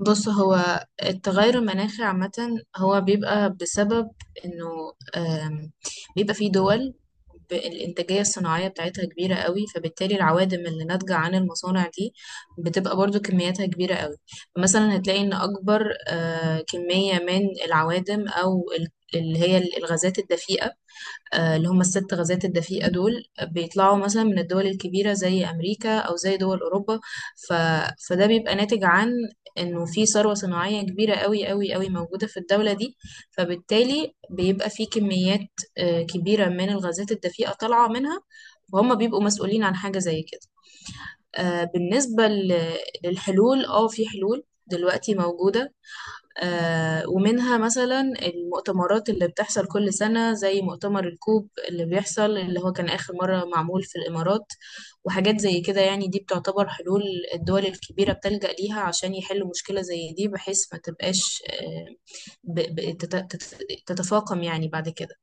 بص، هو التغير المناخي عامة هو بيبقى بسبب انه بيبقى في دول الانتاجية الصناعية بتاعتها كبيرة قوي، فبالتالي العوادم اللي ناتجة عن المصانع دي بتبقى برضو كمياتها كبيرة قوي. مثلا هتلاقي ان اكبر كمية من العوادم او اللي هي الغازات الدفيئة، اللي هم الست غازات الدفيئة دول بيطلعوا مثلا من الدول الكبيرة زي أمريكا أو زي دول أوروبا. ف... فده بيبقى ناتج عن إنه في ثروة صناعية كبيرة قوي قوي قوي موجودة في الدولة دي، فبالتالي بيبقى في كميات كبيرة من الغازات الدفيئة طالعة منها، وهم بيبقوا مسؤولين عن حاجة زي كده. بالنسبة للحلول، اه في حلول دلوقتي موجودة، ومنها مثلا المؤتمرات اللي بتحصل كل سنة زي مؤتمر الكوب اللي بيحصل، اللي هو كان آخر مرة معمول في الإمارات، وحاجات زي كده. يعني دي بتعتبر حلول الدول الكبيرة بتلجأ ليها عشان يحلوا مشكلة زي دي بحيث ما تبقاش ب- ب- تت- تت- تتفاقم يعني بعد كده.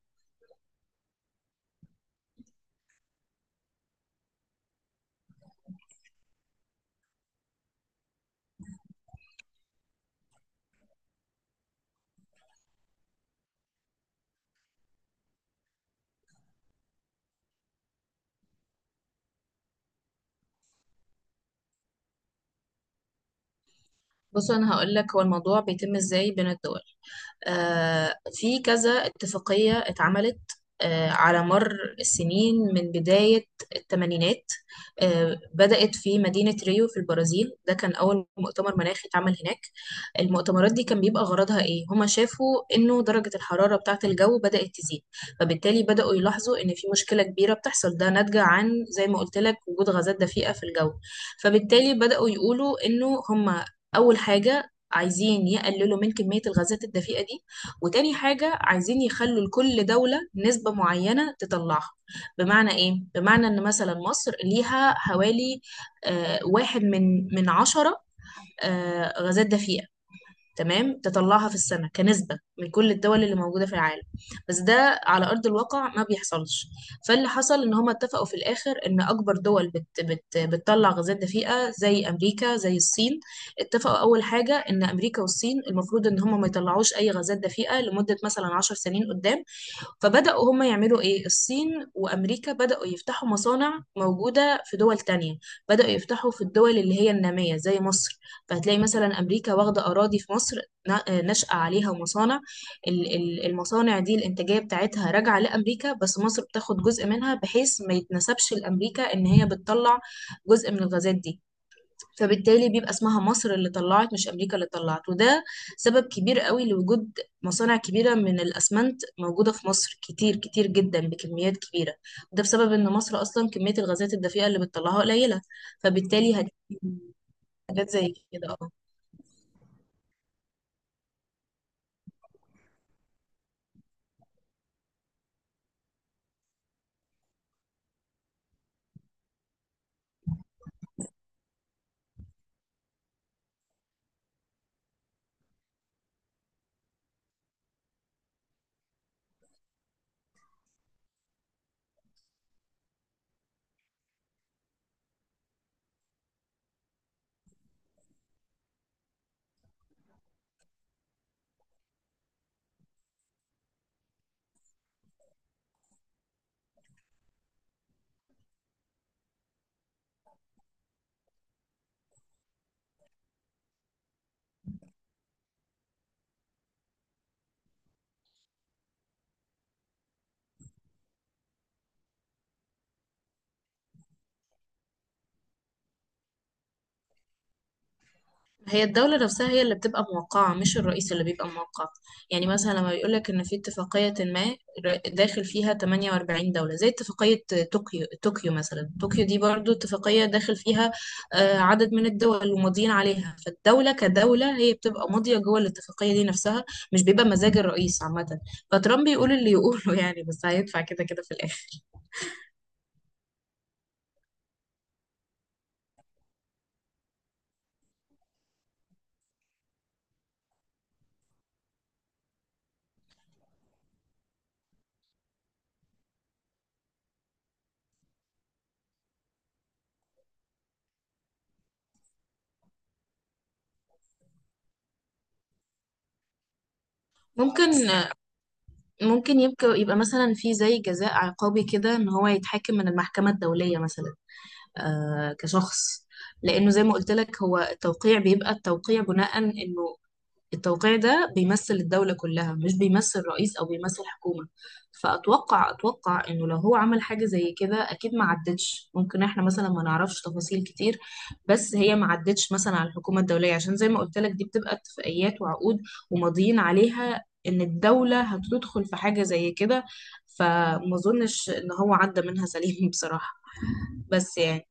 بص، أنا هقولك هو الموضوع بيتم إزاي بين الدول. في كذا اتفاقية اتعملت على مر السنين من بداية الثمانينات. بدأت في مدينة ريو في البرازيل، ده كان أول مؤتمر مناخي اتعمل هناك. المؤتمرات دي كان بيبقى غرضها إيه؟ هما شافوا إنه درجة الحرارة بتاعة الجو بدأت تزيد، فبالتالي بدأوا يلاحظوا إن في مشكلة كبيرة بتحصل، ده ناتجة عن، زي ما قلت لك، وجود غازات دفيئة في الجو. فبالتالي بدأوا يقولوا إنه هما أول حاجة عايزين يقللوا من كمية الغازات الدفيئة دي، وتاني حاجة عايزين يخلوا لكل دولة نسبة معينة تطلعها. بمعنى ايه؟ بمعنى ان مثلا مصر ليها حوالي واحد من عشرة غازات دفيئة، تمام، تطلعها في السنة كنسبة من كل الدول اللي موجودة في العالم. بس ده على أرض الواقع ما بيحصلش. فاللي حصل إن هما اتفقوا في الآخر إن أكبر دول بت بت بتطلع غازات دفيئة زي أمريكا زي الصين، اتفقوا أول حاجة إن أمريكا والصين المفروض إن هما ما يطلعوش أي غازات دفيئة لمدة مثلا عشر سنين قدام. فبدأوا هم يعملوا ايه؟ الصين وامريكا بدأوا يفتحوا مصانع موجودة في دول تانية، بدأوا يفتحوا في الدول اللي هي النامية زي مصر. فهتلاقي مثلا امريكا واخدة اراضي في مصر، نشأ عليها مصانع. المصانع دي الانتاجية بتاعتها راجعة لامريكا، بس مصر بتاخد جزء منها بحيث ما يتنسبش لامريكا ان هي بتطلع جزء من الغازات دي. فبالتالي بيبقى اسمها مصر اللي طلعت، مش امريكا اللي طلعت. وده سبب كبير قوي لوجود مصانع كبيره من الاسمنت موجوده في مصر، كتير كتير جدا بكميات كبيره، وده بسبب ان مصر اصلا كميه الغازات الدفيئه اللي بتطلعها قليله، فبالتالي هتجيب حاجات زي كده. هي الدولة نفسها هي اللي بتبقى موقعة، مش الرئيس اللي بيبقى موقع. يعني مثلا لما بيقولك إن في اتفاقية ما داخل فيها 48 دولة، زي اتفاقية طوكيو. طوكيو مثلا دي برضو اتفاقية داخل فيها عدد من الدول وماضيين عليها، فالدولة كدولة هي بتبقى ماضية جوه الاتفاقية دي نفسها، مش بيبقى مزاج الرئيس عامة. فترامب يقول اللي يقوله يعني، بس هيدفع كده كده في الآخر. ممكن ممكن يبقى مثلا في زي جزاء عقابي كده، إن هو يتحاكم من المحكمة الدولية مثلا، كشخص. لانه زي ما قلت لك، هو التوقيع بيبقى التوقيع بناء انه التوقيع ده بيمثل الدولة كلها، مش بيمثل رئيس او بيمثل حكومة. فاتوقع انه لو هو عمل حاجة زي كده اكيد ما عدتش. ممكن احنا مثلا ما نعرفش تفاصيل كتير، بس هي ما عدتش مثلا على الحكومة الدولية، عشان زي ما قلت لك، دي بتبقى اتفاقيات وعقود وماضيين عليها ان الدولة هتدخل في حاجة زي كده. فما اظنش ان هو عدى منها سليم بصراحة. بس يعني،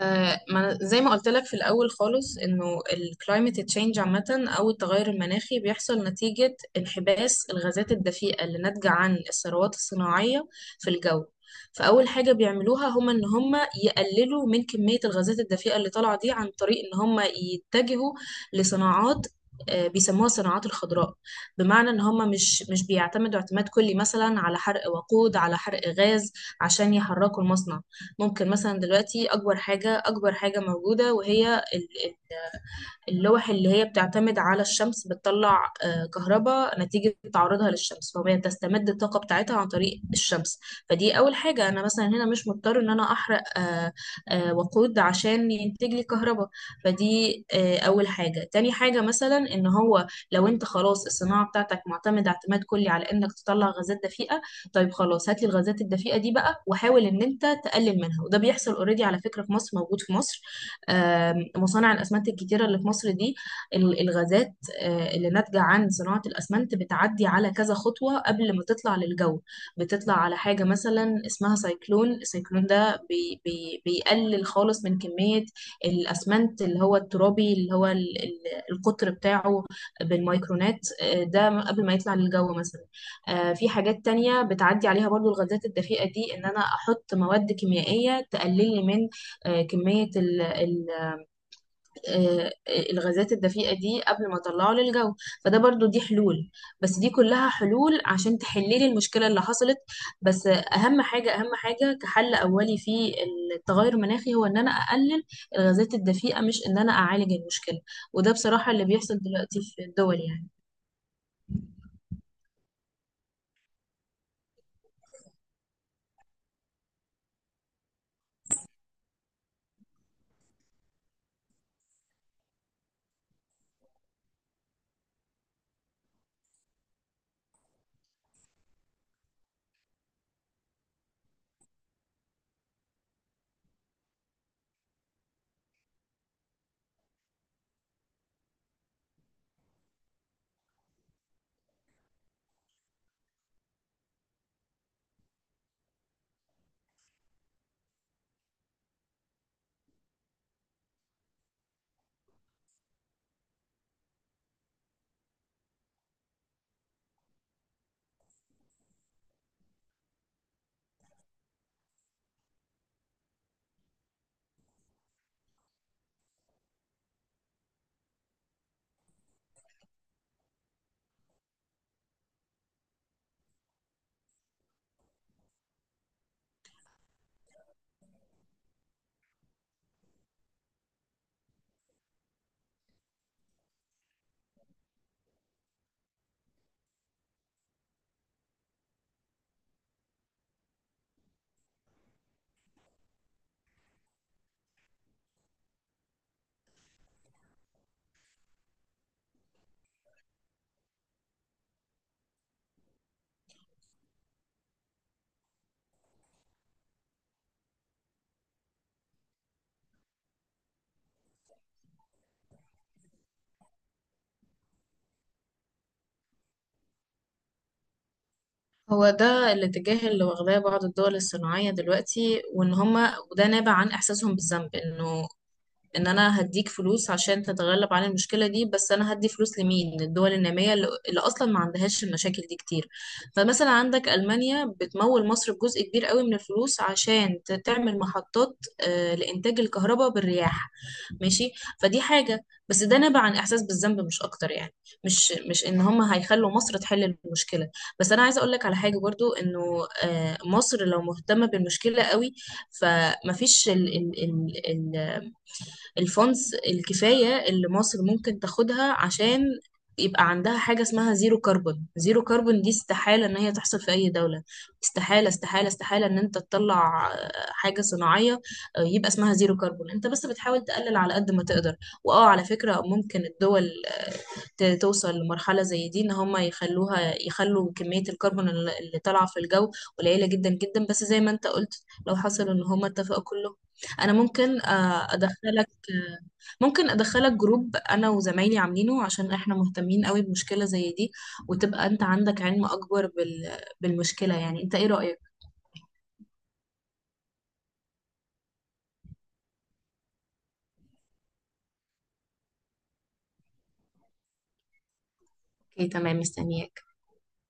ما أنا- زي ما قلت لك في الأول خالص، إنه الكلايمت تشينج عامة أو التغير المناخي بيحصل نتيجة انحباس الغازات الدفيئة اللي ناتجة عن الثروات الصناعية في الجو. فأول حاجة بيعملوها هما إن هما يقللوا من كمية الغازات الدفيئة اللي طالعة دي، عن طريق إن هما يتجهوا لصناعات بيسموها الصناعات الخضراء. بمعنى ان هم مش بيعتمدوا اعتماد كلي مثلا على حرق وقود، على حرق غاز عشان يحركوا المصنع. ممكن مثلا دلوقتي، اكبر حاجه، موجوده، وهي اللوح اللي هي بتعتمد على الشمس، بتطلع كهرباء نتيجة تعرضها للشمس، فهي تستمد الطاقة بتاعتها عن طريق الشمس. فدي أول حاجة، أنا مثلا هنا مش مضطر إن أنا أحرق وقود عشان ينتج لي كهرباء. فدي أول حاجة. تاني حاجة مثلا إن هو لو أنت خلاص الصناعة بتاعتك معتمدة اعتماد كلي على إنك تطلع غازات دفيئة، طيب خلاص، هات لي الغازات الدفيئة دي بقى وحاول إن أنت تقلل منها. وده بيحصل أوريدي على فكرة في مصر، موجود في مصر، مصانع الأسمنت الكتيرة اللي في مصر دي، الغازات اللي ناتجة عن صناعة الأسمنت بتعدي على كذا خطوة قبل ما تطلع للجو. بتطلع على حاجة مثلا اسمها سايكلون، السايكلون ده بي بي بيقلل خالص من كمية الأسمنت اللي هو الترابي، اللي هو القطر بتاعه بالميكرونات، ده قبل ما يطلع للجو مثلا. في حاجات تانية بتعدي عليها برضو الغازات الدفيئة دي، إن أنا أحط مواد كيميائية تقلل لي من كمية الغازات الدفيئة دي قبل ما اطلعه للجو. فده برضو دي حلول، بس دي كلها حلول عشان تحللي المشكلة اللي حصلت. بس اهم حاجة، كحل اولي في التغير المناخي هو ان انا اقلل الغازات الدفيئة، مش ان انا اعالج المشكلة. وده بصراحة اللي بيحصل دلوقتي في الدول يعني. هو ده الاتجاه اللي واخداه بعض الدول الصناعية دلوقتي، وان هما، وده نابع عن احساسهم بالذنب، انه ان انا هديك فلوس عشان تتغلب عن المشكله دي. بس انا هدي فلوس لمين؟ للدول الناميه اللي اصلا ما عندهاش المشاكل دي كتير. فمثلا عندك المانيا بتمول مصر بجزء كبير قوي من الفلوس عشان تعمل محطات لانتاج الكهرباء بالرياح، ماشي. فدي حاجه، بس ده نابع عن احساس بالذنب مش اكتر يعني، مش ان هم هيخلوا مصر تحل المشكله. بس انا عايزه اقول لك على حاجه برضو، انه مصر لو مهتمه بالمشكله قوي، فمفيش ال ال ال الفونز الكفاية اللي مصر ممكن تاخدها عشان يبقى عندها حاجة اسمها زيرو كربون. زيرو كربون دي استحالة ان هي تحصل في اي دولة، استحالة استحالة استحالة ان انت تطلع حاجة صناعية يبقى اسمها زيرو كربون. انت بس بتحاول تقلل على قد ما تقدر. واه، على فكرة ممكن الدول توصل لمرحلة زي دي، ان هم يخلوها، يخلوا كمية الكربون اللي طالعة في الجو قليلة جدا جدا، بس زي ما انت قلت لو حصل ان هم اتفقوا كله. انا ممكن ادخلك، جروب انا وزمايلي عاملينه عشان احنا مهتمين قوي بمشكلة زي دي، وتبقى انت عندك علم اكبر بالمشكلة. يعني انت ايه رأيك؟ اوكي تمام، مستنياك.